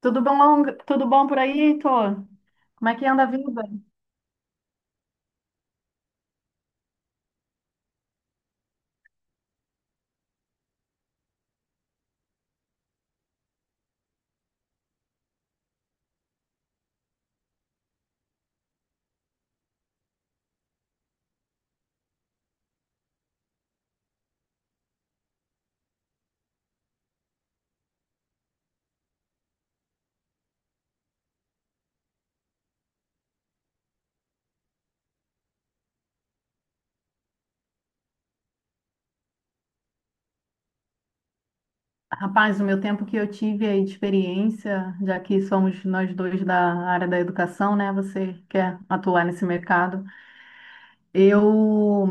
Tudo bom por aí, Heitor? Como é que anda a vida? Rapaz, o meu tempo que eu tive aí de experiência, já que somos nós dois da área da educação, né? Você quer atuar nesse mercado. Eu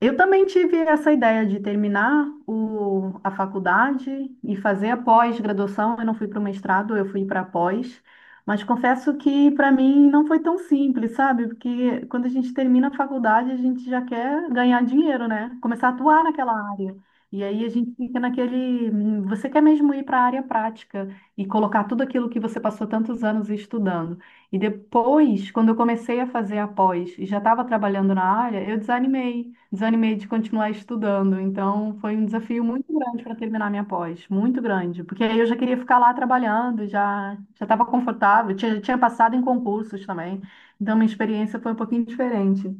Eu também tive essa ideia de terminar a faculdade e fazer a pós-graduação. Eu não fui para o mestrado, eu fui para a pós. Mas confesso que para mim não foi tão simples, sabe? Porque quando a gente termina a faculdade, a gente já quer ganhar dinheiro, né? Começar a atuar naquela área. E aí a gente fica naquele, você quer mesmo ir para a área prática e colocar tudo aquilo que você passou tantos anos estudando. E depois, quando eu comecei a fazer a pós e já estava trabalhando na área, eu desanimei de continuar estudando. Então, foi um desafio muito grande para terminar minha pós, muito grande, porque aí eu já queria ficar lá trabalhando, já estava confortável, tinha passado em concursos também. Então, minha experiência foi um pouquinho diferente.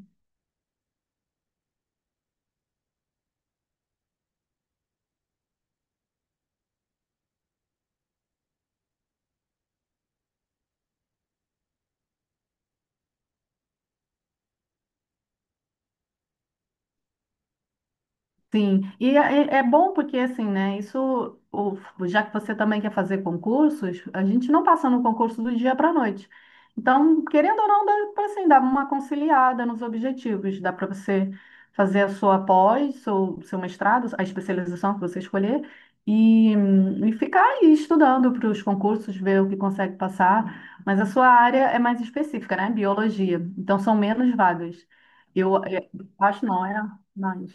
Sim, e é bom porque assim, né? Isso, o- já que você também quer fazer concursos, a gente não passa no concurso do dia para a noite. Então, querendo ou não, dá para assim, dar uma conciliada nos objetivos, dá para você fazer a sua pós, seu mestrado, a especialização que você escolher, e ficar aí estudando para os concursos, ver o que consegue passar. Mas a sua área é mais específica, né? Biologia. Então, são menos vagas. Eu acho não, é mais.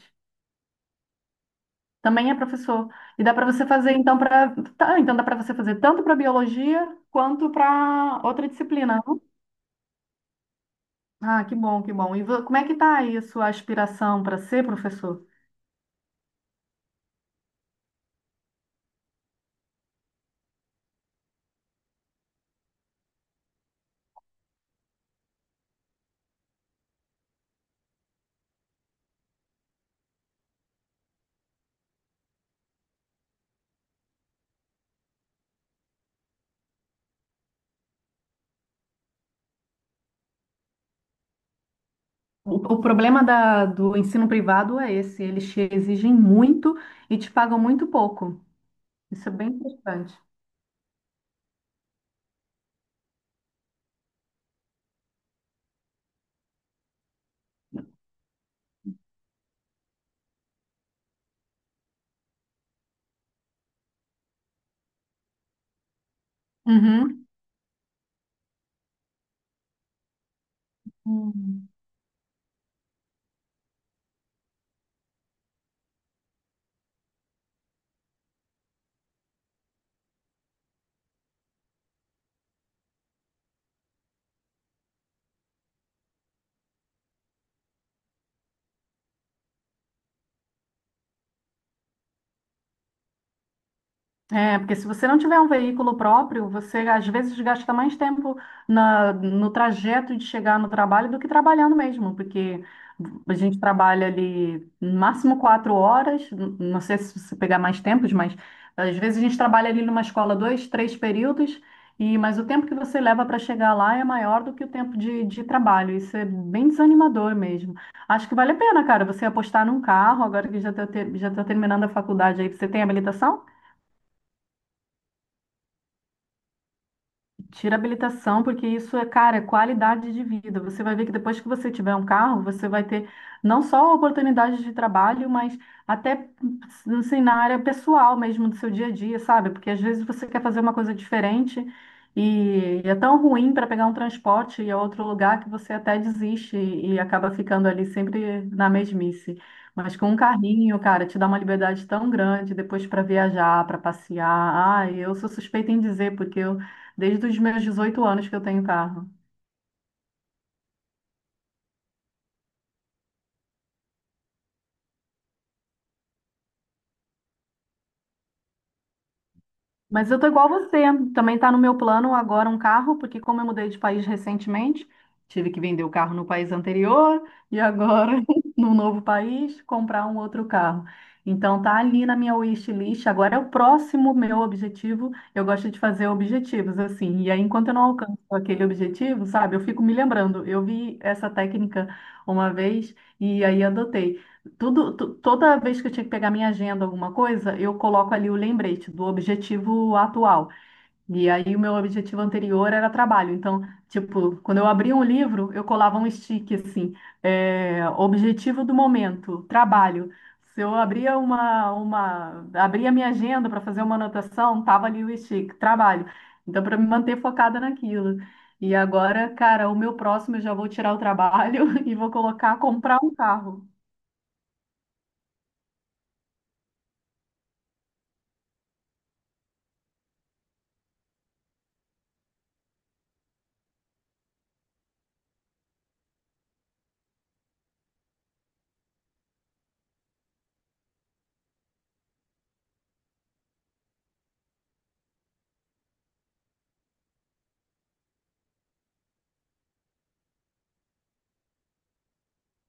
Também é professor. E dá para você fazer, então, para. Tá, então dá para você fazer tanto para biologia quanto para outra disciplina, não? Ah, que bom, que bom. E como é que tá aí a sua aspiração para ser professor? O problema do ensino privado é esse, eles te exigem muito e te pagam muito pouco. Isso é bem frustrante. Uhum. É, porque se você não tiver um veículo próprio, você às vezes gasta mais tempo no trajeto de chegar no trabalho do que trabalhando mesmo, porque a gente trabalha ali no máximo 4 horas, não sei se você pegar mais tempos, mas às vezes a gente trabalha ali numa escola dois, três períodos, mas o tempo que você leva para chegar lá é maior do que o tempo de trabalho. Isso é bem desanimador mesmo. Acho que vale a pena, cara, você apostar num carro, agora que já está terminando a faculdade aí, você tem habilitação? Tira a habilitação, porque isso é, cara, é qualidade de vida. Você vai ver que depois que você tiver um carro, você vai ter não só oportunidades de trabalho, mas até, assim, na área pessoal mesmo do seu dia a dia, sabe? Porque às vezes você quer fazer uma coisa diferente e é tão ruim para pegar um transporte e é outro lugar que você até desiste e acaba ficando ali sempre na mesmice. Mas com um carrinho, cara, te dá uma liberdade tão grande depois para viajar, para passear. Ah, eu sou suspeita em dizer, porque eu Desde os meus 18 anos que eu tenho carro. Mas eu tô igual você. Também tá no meu plano agora um carro, porque como eu mudei de país recentemente, tive que vender o carro no país anterior e agora no novo país comprar um outro carro. Então tá ali na minha wishlist. Agora é o próximo meu objetivo. Eu gosto de fazer objetivos assim. E aí, enquanto eu não alcanço aquele objetivo, sabe, eu fico me lembrando. Eu vi essa técnica uma vez e aí adotei. Toda vez que eu tinha que pegar minha agenda, alguma coisa, eu coloco ali o lembrete do objetivo atual. E aí o meu objetivo anterior era trabalho. Então, tipo, quando eu abria um livro, eu colava um stick assim, é, objetivo do momento, trabalho. Se eu abria abria minha agenda para fazer uma anotação, tava ali o stick, trabalho. Então, para me manter focada naquilo. E agora, cara, o meu próximo eu já vou tirar o trabalho e vou colocar comprar um carro.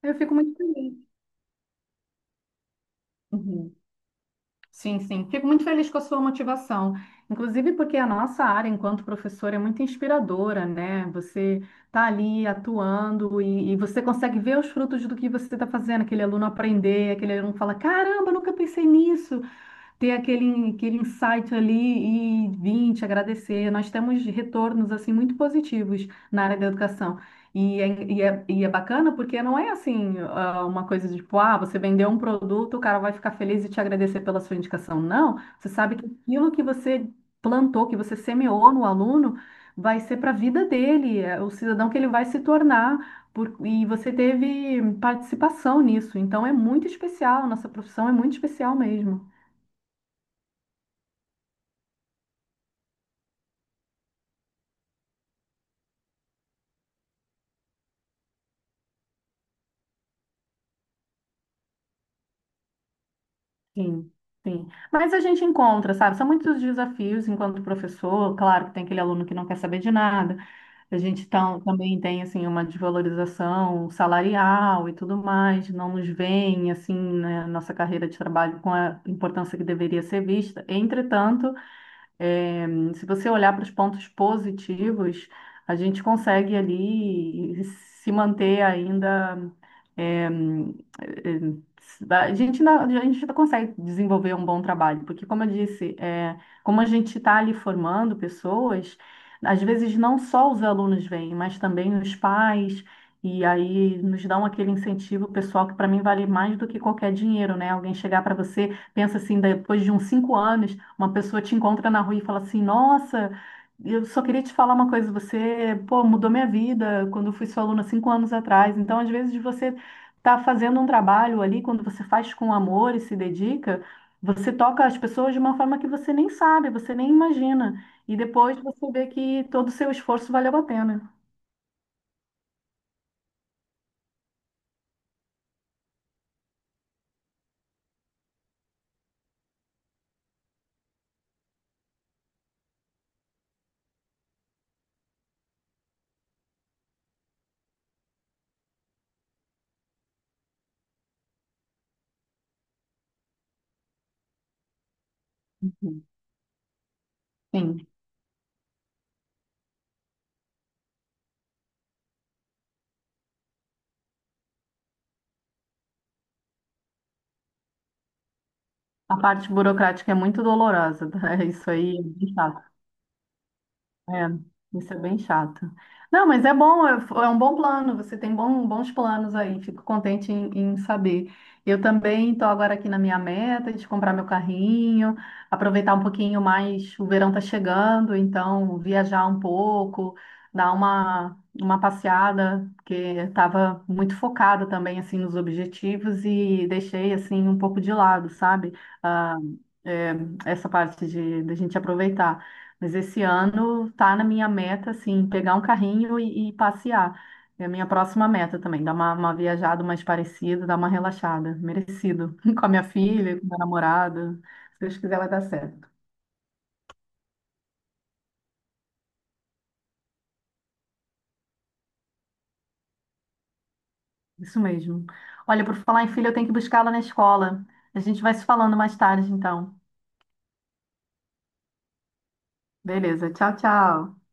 Eu fico muito feliz. Uhum. Sim, sim. Fico muito feliz com a sua motivação. Inclusive porque a nossa área enquanto professor, é muito inspiradora, né? Você está ali atuando e você consegue ver os frutos do que você está fazendo. Aquele aluno aprender, aquele aluno fala, caramba, eu nunca pensei nisso ter aquele insight ali e vir te agradecer. Nós temos retornos assim muito positivos na área da educação. E é bacana porque não é assim ah, uma coisa de tipo, ah, você vendeu um produto, o cara vai ficar feliz e te agradecer pela sua indicação. Não, você sabe que aquilo que você plantou, que você semeou no aluno, vai ser para a vida dele, é o cidadão que ele vai se tornar. E você teve participação nisso, então é muito especial, nossa profissão é muito especial mesmo. Sim, sim. Mas a gente encontra, sabe? São muitos desafios enquanto professor. Claro que tem aquele aluno que não quer saber de nada. A gente também tem, assim, uma desvalorização salarial e tudo mais. Não nos veem, assim, né, nossa carreira de trabalho com a importância que deveria ser vista. Entretanto, eh, se você olhar para os pontos positivos, a gente consegue ali se manter ainda a gente ainda consegue desenvolver um bom trabalho, porque, como eu disse, é, como a gente está ali formando pessoas, às vezes não só os alunos vêm, mas também os pais, e aí nos dão aquele incentivo pessoal que, para mim, vale mais do que qualquer dinheiro, né? Alguém chegar para você, pensa assim, depois de uns 5 anos, uma pessoa te encontra na rua e fala assim: Nossa. Eu só queria te falar uma coisa, você, pô, mudou minha vida quando eu fui sua aluna 5 anos atrás. Então, às vezes, você tá fazendo um trabalho ali, quando você faz com amor e se dedica, você toca as pessoas de uma forma que você nem sabe, você nem imagina. E depois você vê que todo o seu esforço valeu a pena. Sim, a parte burocrática é muito dolorosa, tá? Isso aí é muito chato. É, isso é bem chato. Não, mas é bom, é um bom plano, você tem bons planos aí, fico contente em, saber. Eu também estou agora aqui na minha meta de comprar meu carrinho, aproveitar um pouquinho mais, o verão está chegando, então viajar um pouco, dar uma passeada, porque estava muito focada também, assim, nos objetivos e deixei, assim, um pouco de lado, sabe? Ah, é, essa parte da gente aproveitar. Mas esse ano tá na minha meta, assim, pegar um carrinho e passear. É a minha próxima meta também, dar uma viajada mais parecida, dar uma relaxada, merecido. Com a minha filha, com meu namorado. Se Deus quiser, vai dar certo. Isso mesmo. Olha, por falar em filha, eu tenho que buscá-la na escola. A gente vai se falando mais tarde, então. Beleza, tchau, tchau.